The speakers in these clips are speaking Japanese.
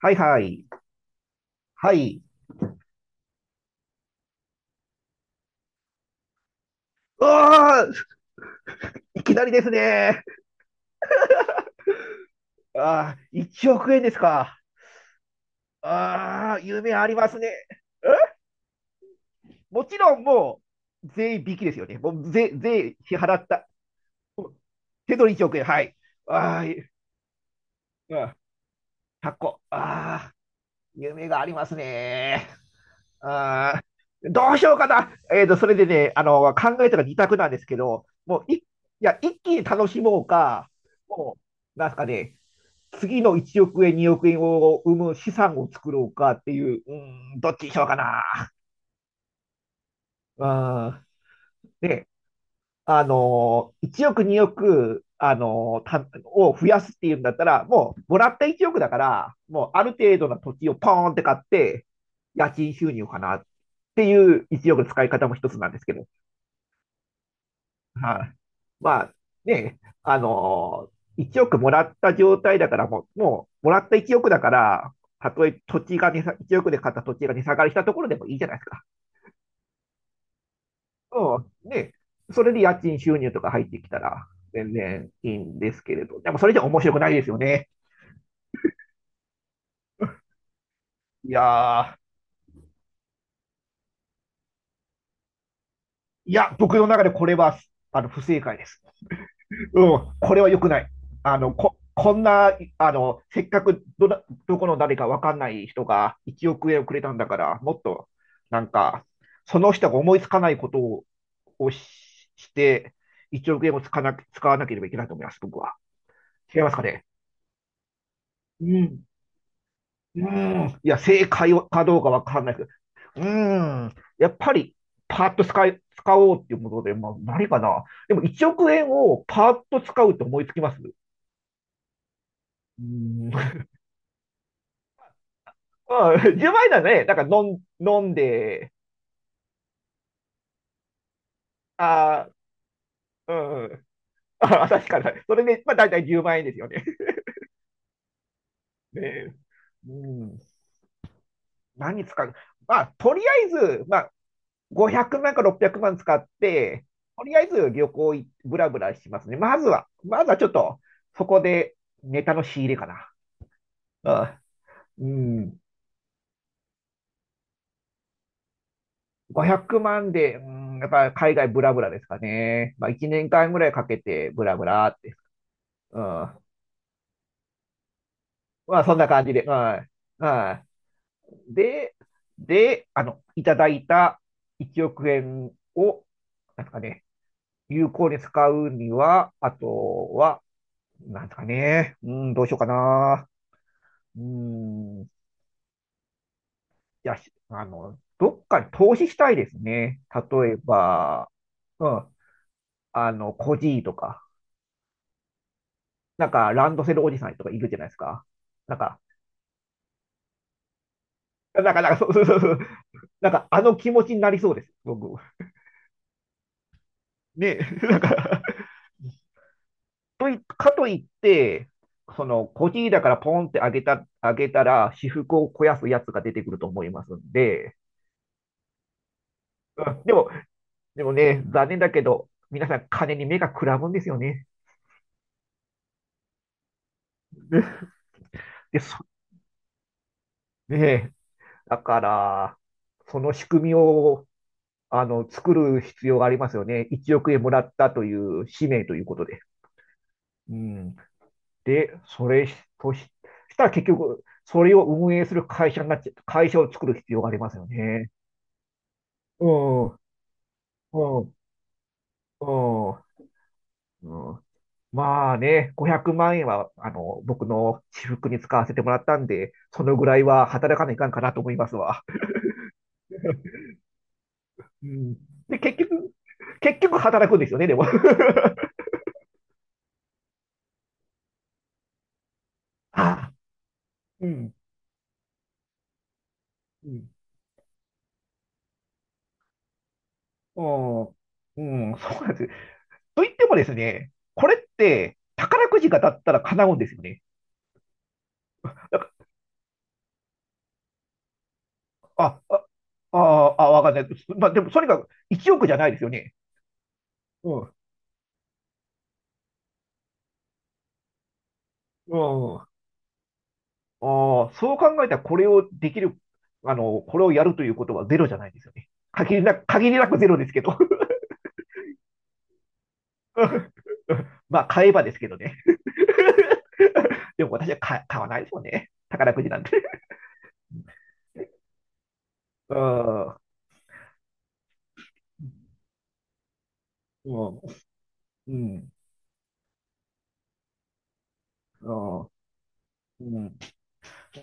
はいはい。はい。ああ、いきなりですね。ああ、1億円ですか。ああ、夢ありますね。えもちろん税引きですよね。もう税支払った。手取り1億円。はい。ああ、ああ、100個。ああ、夢がありますね。ああ、どうしようかな。それでね、考えたら二択なんですけど、もうい、いや、一気に楽しもうか、もう、なんすかね、次の1億円、2億円を生む資産を作ろうかっていう、うん、どっちにしようかな。うん、で、1億、2億、あのたを増やすっていうんだったら、もう、もらった1億だから、もう、ある程度の土地をポーンって買って、家賃収入かなっていう1億の使い方も一つなんですけど。はい。まあ、ね、1億もらった状態だから、もう、もらった1億だから、たとえ土地が1億で買った土地が値下がりしたところでもいいじゃないですか。うん。ね、それで家賃収入とか入ってきたら、全然いいんですけれど。でも、それじゃ面白くないですよね。いやいや、僕の中でこれは、不正解です。うん、これは良くない。こんな、せっかくどこの誰かわかんない人が1億円をくれたんだから、もっと、なんか、その人が思いつかないことを、をし、して、1億円を使わなければいけないと思います、僕は。違いますかね。うん。うん。いや、正解かどうかわかんないけど、うん。やっぱり、パーッと使おうっていうことで、まあ、何かな。でも1億円をパーッと使うって思いつきます？ーんうん、10万円ならね、だから飲んで、あー、うんうん。あ、確かに。それで、まあ大体10万円ですよね。ねえ。うん。何使うまあ、とりあえず、まあ、500万か600万使って、とりあえず旅行い、ブラブラしますね。まずはちょっと、そこでネタの仕入れかな。うん。うん、500万で、うん、やっぱ海外ブラブラですかね。まあ、1年間ぐらいかけてブラブラって。うん。まあ、そんな感じで、はい。はい。で、いただいた1億円を、なんすかね、有効に使うには、あとは、なんすかね、うん、どうしようかな。うん、いや、しあの、どっかに投資したいですね。例えば、うん、コジーとか、なんか、ランドセルおじさんとかいるじゃないですか。なんか、そうそうそうそう、なんか、あの気持ちになりそうです、僕。ね、なんかといかといって、その、小切りだからポンって上げたら、私腹を肥やすやつが出てくると思いますんで、うんでも、でもね、残念だけど、皆さん金に目がくらむんですよね。で、そねだから、その仕組みを、作る必要がありますよね。1億円もらったという使命ということで。うん。で、それとし、したら結局、それを運営する会社になっちゃ、会社を作る必要がありますよね。うん。うん、うん、うん。まあね、500万円は、僕の私服に使わせてもらったんで、そのぐらいは働かないかんかなと思いますわ。うん。で、結局働くんですよね、でも。あ、うん、うん、うん、うん、そうなんです。と言ってもですね、これって宝くじが当たったら叶うんですよね。だから、あ、あ、わかんない。まあ、でもそれが1億じゃないですよね。うん、うん。ああ、そう考えたらこれをできる、これをやるということはゼロじゃないですよね。限りなく、限りなくゼロですけど。まあ、買えばですけどね。でも私は買わないですもんね。宝くじなんて。うん。うん。うん。うん。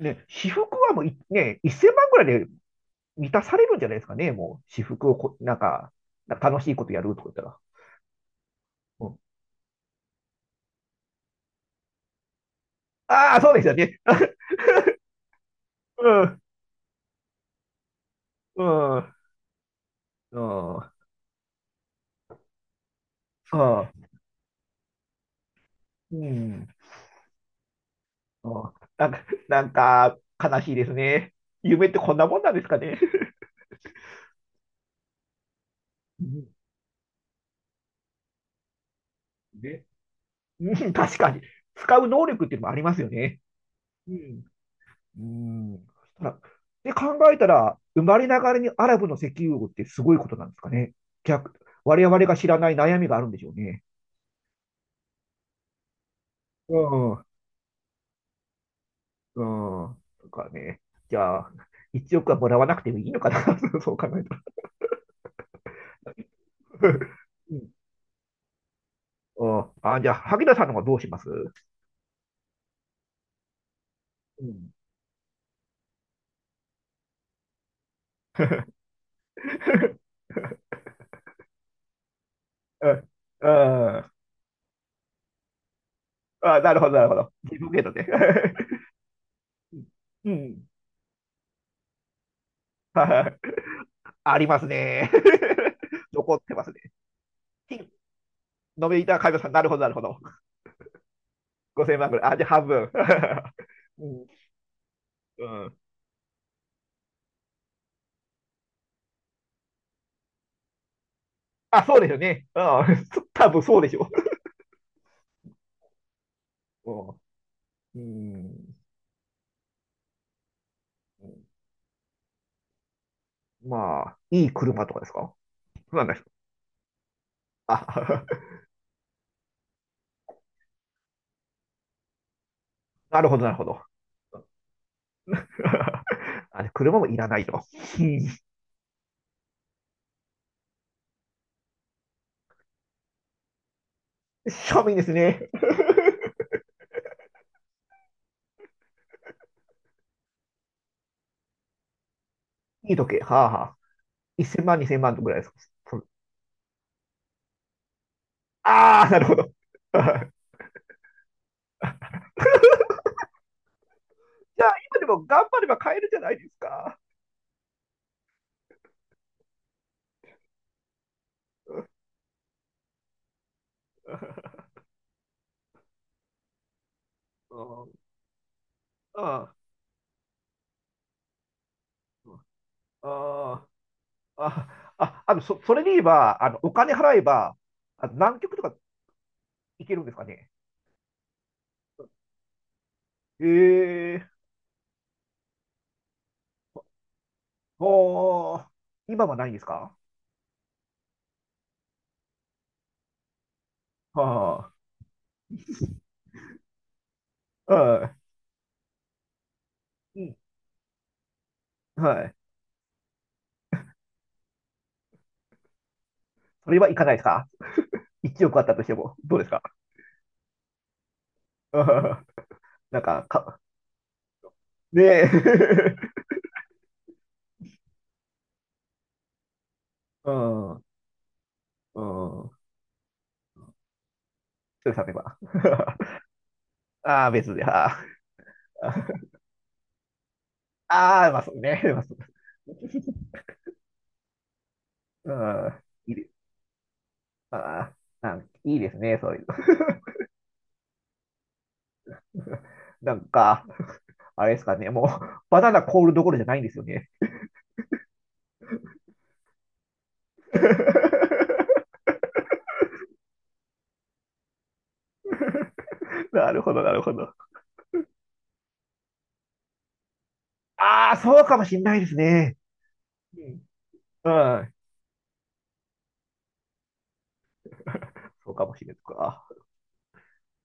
ね、私服はもうい、ね、1000万ぐらいで満たされるんじゃないですかね。もう、私服をこ、なんか、なんか楽しいことやるとか言ったら。うん、ああ、そうですよね。うん。うん。うん。うん。うん。うん、なんか悲しいですね。夢ってこんなもんなんですかね。うん、ね。うん、確かに。使う能力っていうのもありますよね。うん。うん。そしたらで、考えたら、生まれながらにアラブの石油王ってすごいことなんですかね。逆、我々が知らない悩みがあるんでしょうね。うん。うん。とかね。じゃあ、一億はもらわなくてもいいのかな。そう考えたら。うん。あ、じゃあ、萩田さんの方はどうします？うん。 うん。うん。あ、なるほど、なるほど。自分ゲートね。うん。はい。ありますね。残ってますね。金、飲いた買いまし、なるほど、なるほど。5000万ぐらい。あ、じゃあ半分。うん。うん。あ、そうですよね。うん。多分そうでしょう。うん。うん。まあ、いい車とかですか？そうなんです。あ、なるほど、なるほど。あれ、車もいらないと。うん、庶民ですね。いい時計。はあはあ。1000万、2000万ぐらいですか。そのなるほど。じゃあ、今でも頑張れば買えるじゃないですか。うん、ああ、ああ、それで言えば、お金払えば、南極とか行けるんですかね。ええおー、今はないんですか？はあ、はい、うん、はい。それは行かないですか？ 1 億あったとしても、どうですか？うん、なんか、ねえ。うん、うん、そうです、例えば。ああ、別で、ああ、ああ、まあそうね、まあそう、うん、いいです。ああ、いいですね、そういうの。なんか、あれですかね、もう、バナナ凍るどころじゃないんですよね。なるほど、なるほど。ああ、そうかもしんないですね。うん、うん、そうかもしれない。か。